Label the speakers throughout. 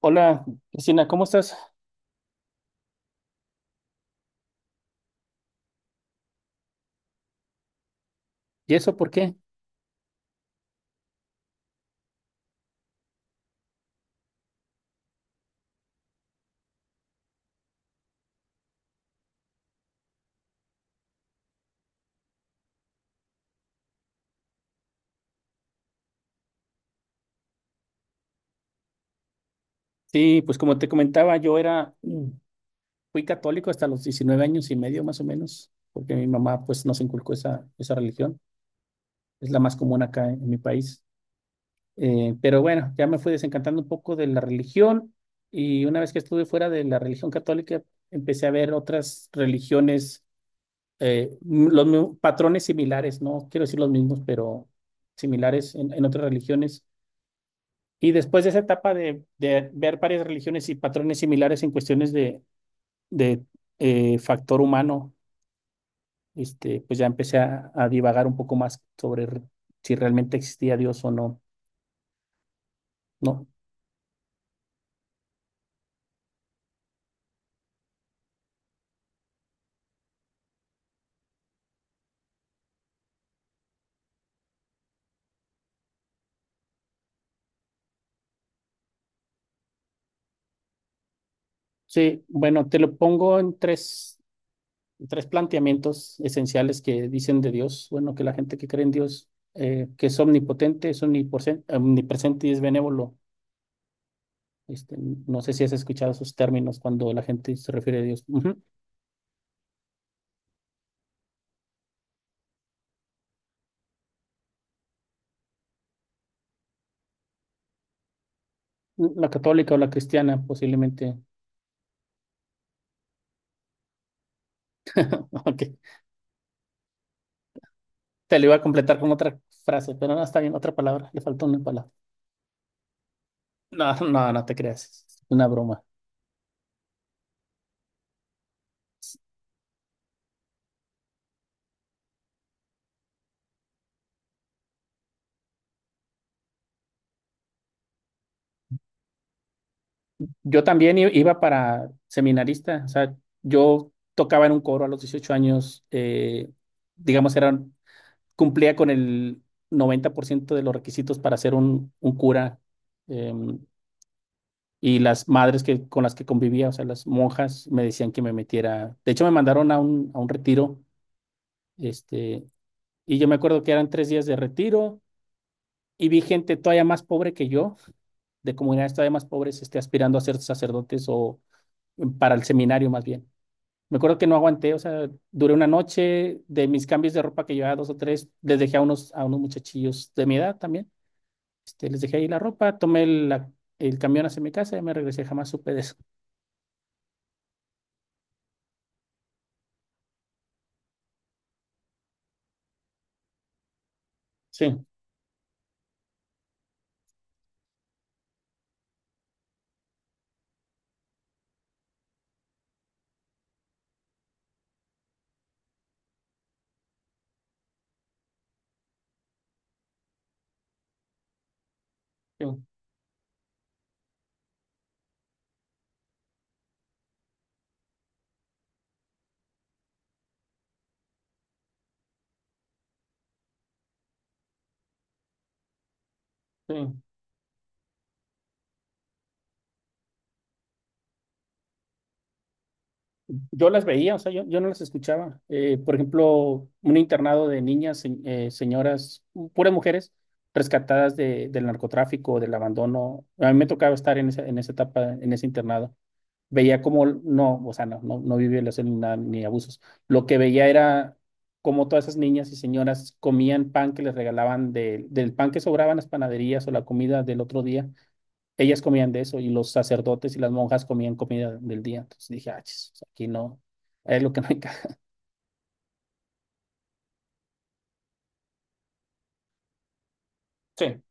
Speaker 1: Hola, Cristina, ¿cómo estás? ¿Y eso por qué? Sí, pues como te comentaba, yo era, fui católico hasta los 19 años y medio más o menos, porque mi mamá pues nos inculcó esa religión, es la más común acá en mi país. Pero bueno, ya me fui desencantando un poco de la religión y una vez que estuve fuera de la religión católica, empecé a ver otras religiones, patrones similares, no quiero decir los mismos, pero similares en otras religiones. Y después de esa etapa de ver varias religiones y patrones similares en cuestiones de factor humano, este, pues ya empecé a divagar un poco más sobre si realmente existía Dios o no. No. Sí, bueno, te lo pongo en tres planteamientos esenciales que dicen de Dios. Bueno, que la gente que cree en Dios, que es omnipotente, es omnipresente y es benévolo. Este, no sé si has escuchado esos términos cuando la gente se refiere a Dios. Ujú. La católica o la cristiana, posiblemente. Ok. Te lo iba a completar con otra frase, pero no está bien, otra palabra. Le faltó una palabra. No, no, no te creas. Es una broma. Yo también iba para seminarista. O sea, yo tocaba en un coro a los 18 años. Digamos, era, cumplía con el 90% de los requisitos para ser un cura. em, y las madres que, con las que convivía, o sea, las monjas, me decían que me metiera. De hecho, me mandaron a a un retiro este. Y yo me acuerdo que eran tres días de retiro y vi gente todavía más pobre que yo, de comunidades todavía más pobres, este, aspirando a ser sacerdotes o para el seminario más bien. Me acuerdo que no aguanté, o sea, duré una noche. De mis cambios de ropa que llevaba dos o tres, les dejé a a unos muchachillos de mi edad también, este, les dejé ahí la ropa, tomé el camión hacia mi casa y me regresé, jamás supe de eso. Sí, sí, sí. Yo las veía, o sea, yo no las escuchaba. Por ejemplo, un internado de niñas, señoras, puras mujeres rescatadas del narcotráfico, del abandono. A mí me tocaba estar en en esa etapa, en ese internado. Veía cómo, no, o sea, no vi violación ni nada, ni abusos. Lo que veía era cómo todas esas niñas y señoras comían pan que les regalaban del pan que sobraba en las panaderías o la comida del otro día, ellas comían de eso y los sacerdotes y las monjas comían comida del día. Entonces dije, ah, chis, o sea, aquí no, es lo que no encaja. Sí.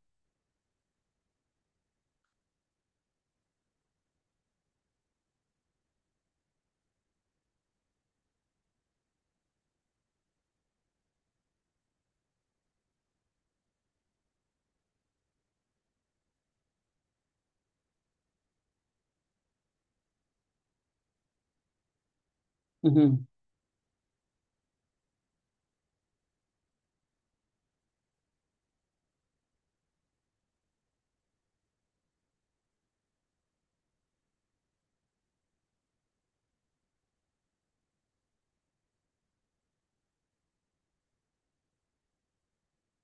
Speaker 1: Ujú,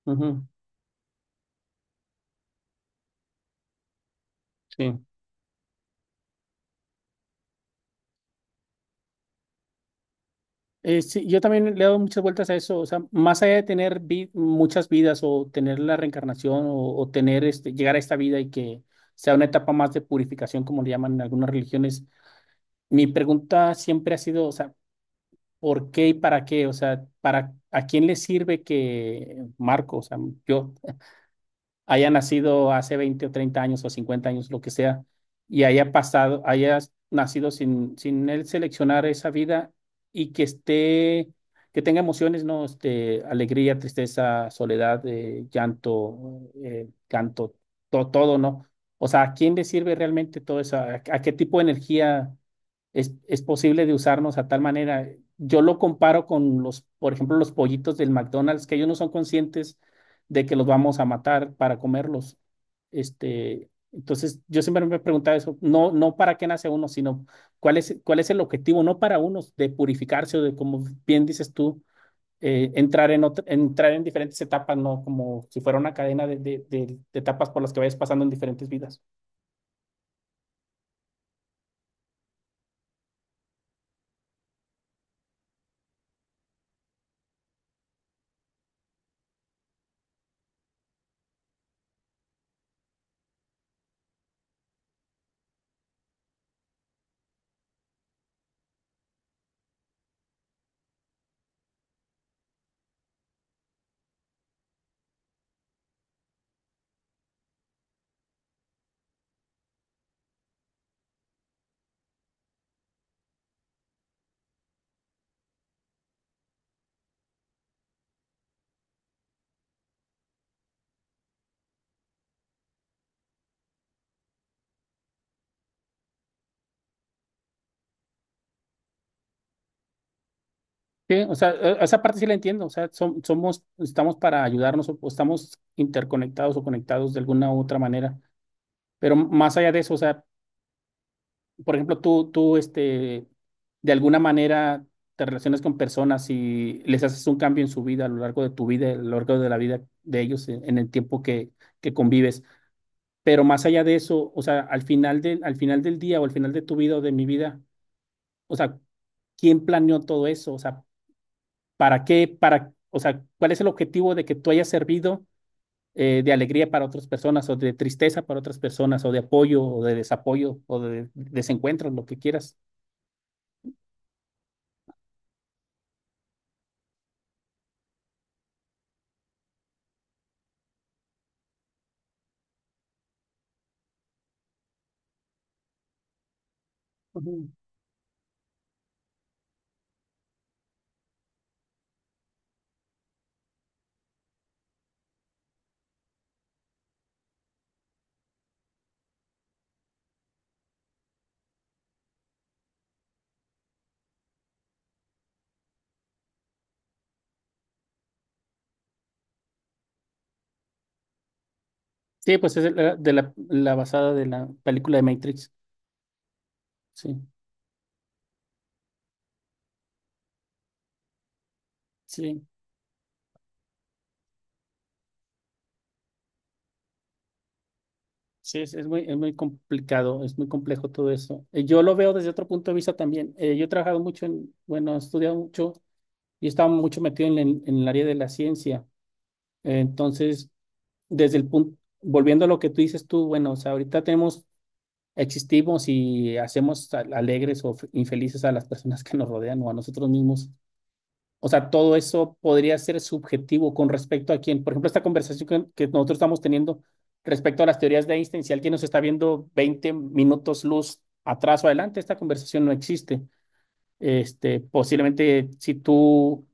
Speaker 1: ujú, sí. Sí, yo también le he dado muchas vueltas a eso, o sea, más allá de tener muchas vidas o tener la reencarnación o tener este, llegar a esta vida y que sea una etapa más de purificación, como le llaman en algunas religiones, mi pregunta siempre ha sido, o sea, ¿por qué y para qué? O sea, ¿para a quién le sirve que Marco, o sea, yo, haya nacido hace 20 o 30 años o 50 años, lo que sea, y haya pasado, haya nacido sin, sin él seleccionar esa vida y que esté, que tenga emociones, ¿no? Este, alegría, tristeza, soledad, llanto, canto, todo, ¿no? O sea, ¿a quién le sirve realmente todo eso? A qué tipo de energía es posible de usarnos a tal manera? Yo lo comparo con los, por ejemplo, los pollitos del McDonald's, que ellos no son conscientes de que los vamos a matar para comerlos. Este, entonces, yo siempre me he preguntado eso, no para qué nace uno, sino cuál es el objetivo, no para unos de purificarse o de, como bien dices tú, entrar, en entrar en diferentes etapas, ¿no? Como si fuera una cadena de etapas por las que vayas pasando en diferentes vidas. Sí, o sea, esa parte sí la entiendo, o sea, somos, estamos para ayudarnos o estamos interconectados o conectados de alguna u otra manera, pero más allá de eso, o sea, por ejemplo, este, de alguna manera te relacionas con personas y les haces un cambio en su vida a lo largo de tu vida, a lo largo de la vida de ellos en el tiempo que convives. Pero más allá de eso, o sea, al final al final del día o al final de tu vida o de mi vida, o sea, ¿quién planeó todo eso? O sea, ¿para qué? Para, o sea, ¿cuál es el objetivo de que tú hayas servido de alegría para otras personas o de tristeza para otras personas o de apoyo o de desapoyo o de desencuentro, lo que quieras? Ujú. Sí, pues es de de la, la basada de la película de Matrix. Sí, sí, sí, es muy complicado, es muy complejo todo eso. Yo lo veo desde otro punto de vista también. Yo he trabajado mucho en, bueno, he estudiado mucho y estaba mucho metido en, en el área de la ciencia. Entonces, desde el punto, volviendo a lo que tú dices tú, bueno, o sea, ahorita tenemos, existimos y hacemos alegres o infelices a las personas que nos rodean o a nosotros mismos. O sea, todo eso podría ser subjetivo con respecto a quién. Por ejemplo, esta conversación que nosotros estamos teniendo respecto a las teorías de Einstein, si alguien nos está viendo 20 minutos luz atrás o adelante, esta conversación no existe. Este, posiblemente si tú,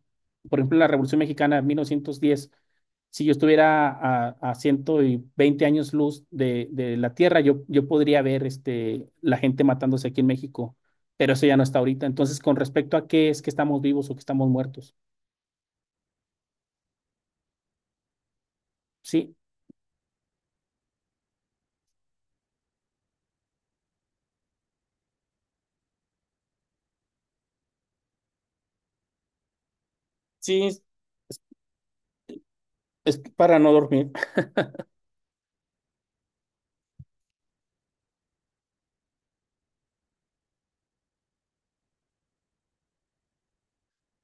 Speaker 1: por ejemplo, en la Revolución Mexicana de 1910, si yo estuviera a 120 años luz de la Tierra, yo podría ver este, la gente matándose aquí en México, pero eso ya no está ahorita. Entonces, con respecto a qué es que estamos vivos o que estamos muertos, sí, sí, es para no dormir,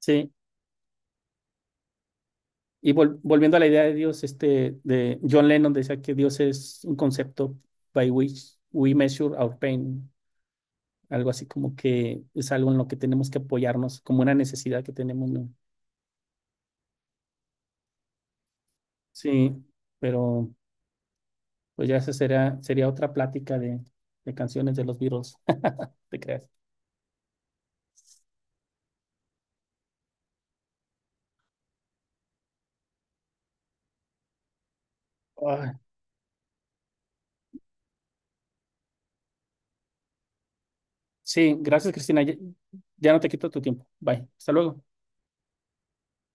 Speaker 1: sí. Y volviendo a la idea de Dios, este, de John Lennon decía que Dios es un concepto by which we measure our pain. Algo así como que es algo en lo que tenemos que apoyarnos, como una necesidad que tenemos, ¿no? Sí, pero pues ya esa sería, sería otra plática de canciones de los Beatles, ¿te creas? Ah, sí, gracias, Cristina. Ya ya no te quito tu tiempo. Bye. Hasta luego.